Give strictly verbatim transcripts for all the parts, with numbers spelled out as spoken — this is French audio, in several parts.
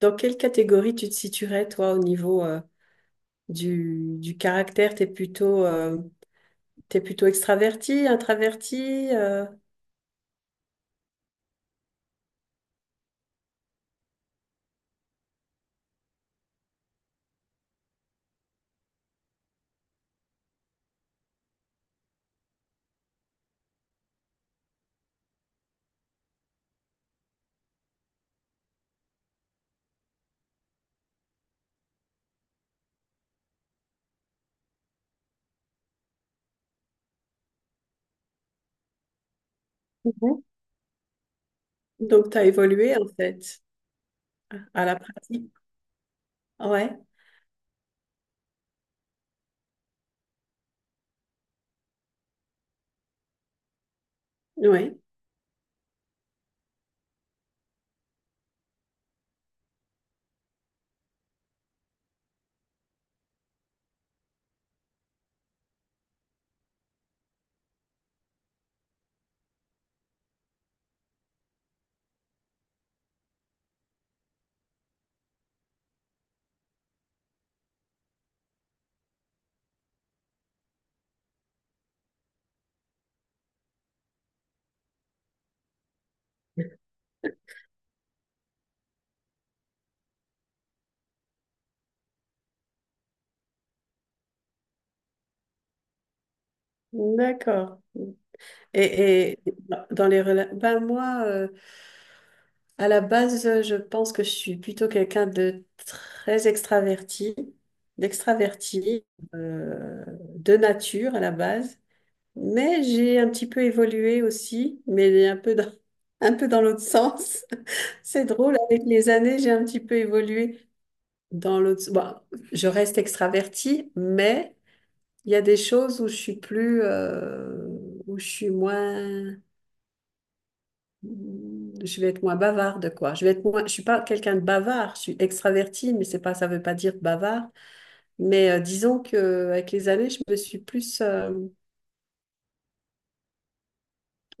Dans quelle catégorie tu te situerais, toi, au niveau euh, du, du caractère? T'es plutôt, euh, t'es plutôt extraverti, introverti, euh, mhm, donc t'as évolué en fait à la pratique. Ouais, ouais, d'accord. Et, et dans les relations, ben moi, euh, à la base, euh, je pense que je suis plutôt quelqu'un de très extraverti, d'extraverti, euh, de nature à la base. Mais j'ai un petit peu évolué aussi, mais un peu dans, un peu dans l'autre sens. C'est drôle, avec les années, j'ai un petit peu évolué dans l'autre. Bon, je reste extravertie, mais il y a des choses où je suis plus, euh, où je suis moins, je vais être moins bavarde, quoi. Je vais être moins, je suis pas quelqu'un de bavard. Je suis extravertie, mais c'est pas, ça veut pas dire bavard. Mais euh, disons que euh, avec les années, je me suis plus, euh,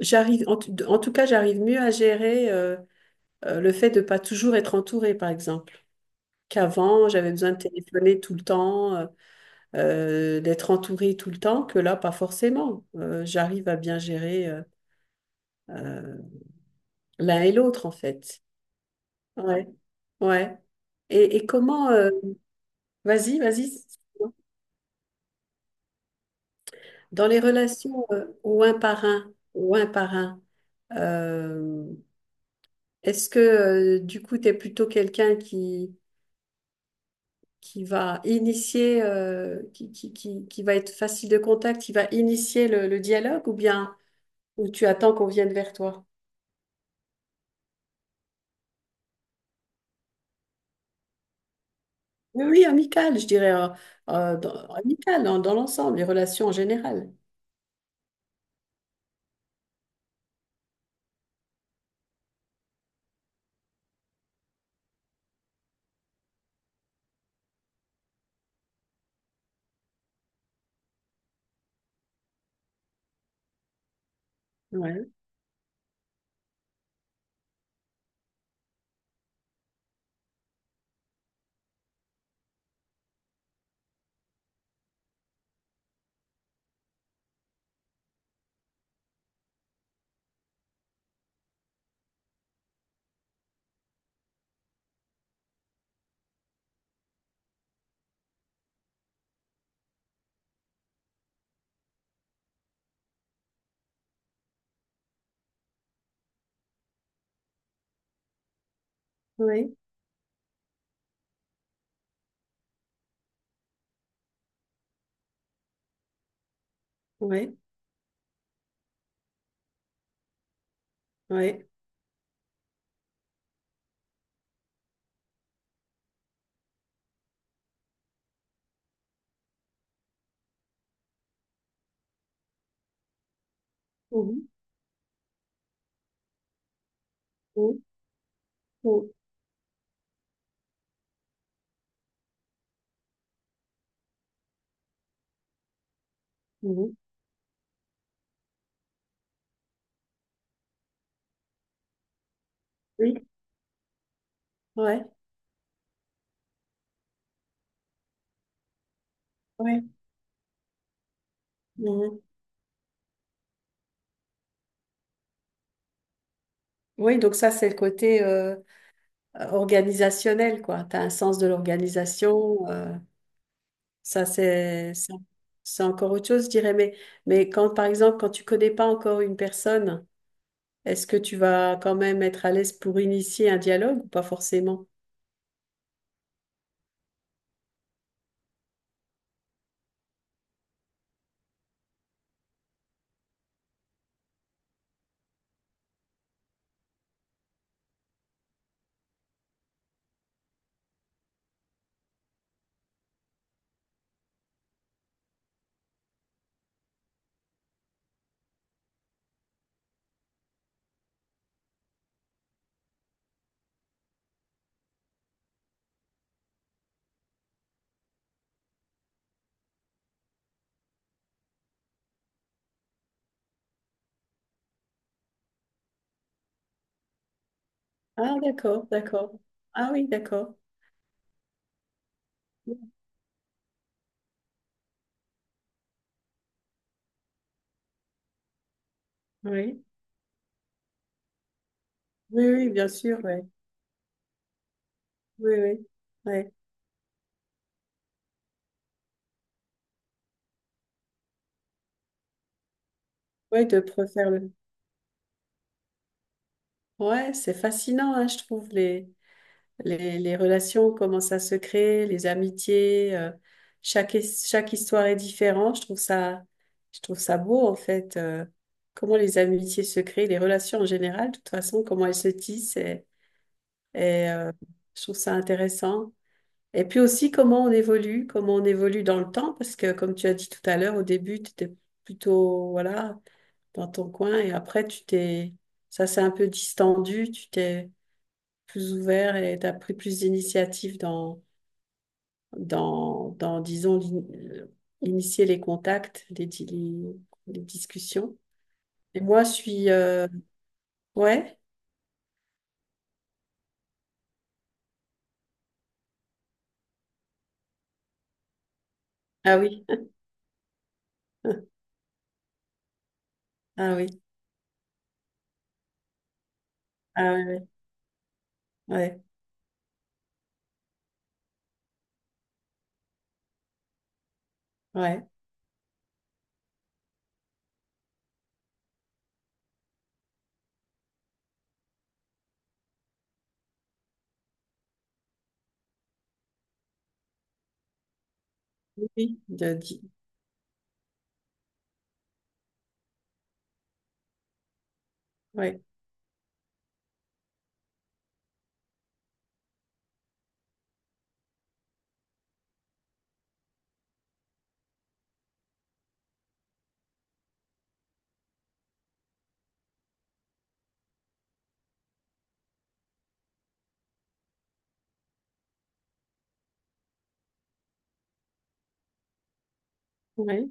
j'arrive, en, tout en tout cas, j'arrive mieux à gérer euh, euh, le fait de pas toujours être entouré, par exemple. Qu'avant, j'avais besoin de téléphoner tout le temps, euh, euh, d'être entouré tout le temps, que là, pas forcément. Euh, j'arrive à bien gérer euh, euh, l'un et l'autre, en fait. Ouais, ouais. Et, et comment... euh, vas-y, vas-y. Dans les relations euh, ou un par un, ou un par un, euh, est-ce que euh, du coup, tu es plutôt quelqu'un qui, qui va initier, euh, qui, qui, qui, qui va être facile de contact, qui va initier le, le dialogue, ou bien ou tu attends qu'on vienne vers toi? Oui, oui, amical, je dirais, euh, euh, dans, amical dans, dans l'ensemble, les relations en général. Ouais, oui, oui, oui. Mhm, mhm, mhm, mhm. Oui, ouais, ouais. Mhm. Oui, donc ça, c'est le côté euh, organisationnel, quoi. Tu as un sens de l'organisation. euh, Ça, c'est, c'est c'est encore autre chose, je dirais. Mais, mais quand, par exemple, quand tu connais pas encore une personne, est-ce que tu vas quand même être à l'aise pour initier un dialogue, ou pas forcément? Ah, d'accord, d'accord. Ah oui, d'accord. Oui, oui, oui, bien sûr, ouais. Oui, oui, ouais. Ouais, de préférer le... Ouais, c'est fascinant, hein, je trouve, les, les, les relations, comment ça se crée, les amitiés, euh, chaque, his- chaque histoire est différente. Je trouve ça, je trouve ça beau, en fait, euh, comment les amitiés se créent, les relations en général, de toute façon, comment elles se tissent. Et, et, euh, je trouve ça intéressant. Et puis aussi, comment on évolue, comment on évolue dans le temps, parce que comme tu as dit tout à l'heure, au début, tu étais plutôt, voilà, dans ton coin, et après, tu t'es, ça s'est un peu distendu, tu t'es plus ouvert et tu as pris plus d'initiatives dans dans, dans, disons, euh, initier les contacts, les, di- les- les discussions. Et moi, je suis... euh, ouais? Ah oui, ah oui, ah oui. Ouais, ouais, ouais. Oui, oui, de, di- ouais, ouais,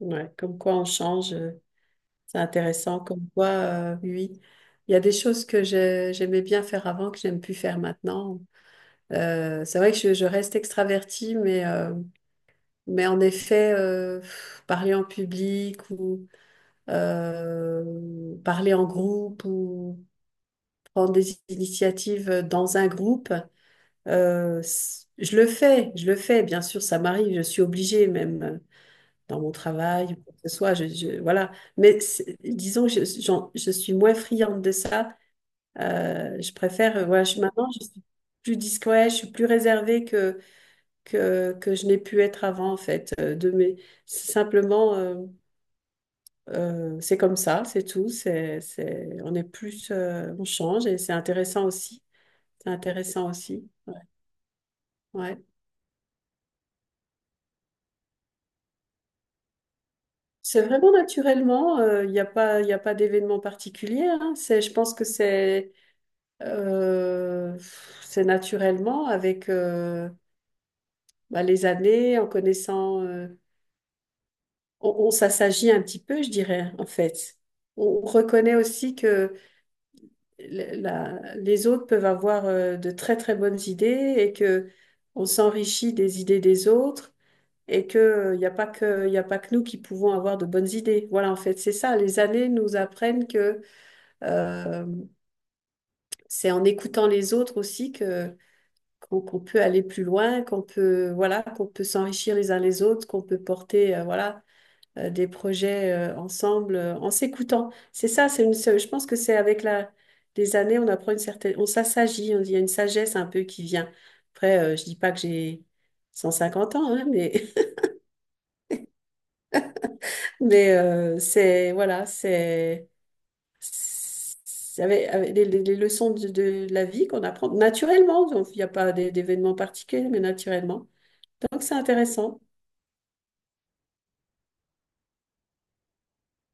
ouais. Comme quoi on change, euh, c'est intéressant. Comme quoi, euh, oui, il y a des choses que j'ai- j'aimais bien faire avant, que j'aime plus faire maintenant. Euh, c'est vrai que je, je reste extravertie, mais, euh, mais en effet, euh, pff, parler en public ou euh, parler en groupe ou prendre des initiatives dans un groupe. Euh, c- je le fais, je le fais, bien sûr, ça m'arrive, je suis obligée même euh, dans mon travail, ou quoi que ce soit, je, je- voilà. Mais c'est- disons que je, j'en- je suis moins friande de ça. Euh, je préfère, euh, voilà, je, maintenant, je suis plus discrète, je suis plus réservée que, que, que je n'ai pu être avant, en fait. Euh, De mes, c'est simplement... euh, Euh, c'est comme ça, c'est tout. C'est, c'est, on est plus, euh, on change et c'est intéressant aussi. C'est intéressant aussi. Ouais. Ouais. C'est vraiment naturellement. euh, Il n'y a pas, il a pas d'événement particulier, hein. C'est, je pense que c'est, euh, c'est naturellement avec euh, bah, les années, en connaissant, euh, on, on s'assagit un petit peu, je dirais, en fait. On reconnaît aussi que la- les autres peuvent avoir euh, de très très bonnes idées, et que on s'enrichit des idées des autres, et que il n'y a pas que il a pas que nous qui pouvons avoir de bonnes idées. Voilà, en fait, c'est ça. Les années nous apprennent que euh, c'est en écoutant les autres aussi que qu'on qu'on peut aller plus loin, qu'on peut voilà, qu'on peut s'enrichir les uns les autres, qu'on peut porter euh, voilà euh, des projets euh, ensemble euh, en s'écoutant. C'est ça, c'est une, c'est- je pense que c'est avec la, les années, on apprend une certaine, on ça s'agit, on dit, il y a une sagesse un peu qui vient. Après, euh, je dis pas que j'ai cent cinquante ans, hein, mais, mais euh, c'est, voilà, c'est c'est avec, avec les, les- les leçons de, de la vie qu'on apprend naturellement. Donc, il n'y a pas d'é- d'événements particuliers, mais naturellement. Donc, c'est intéressant.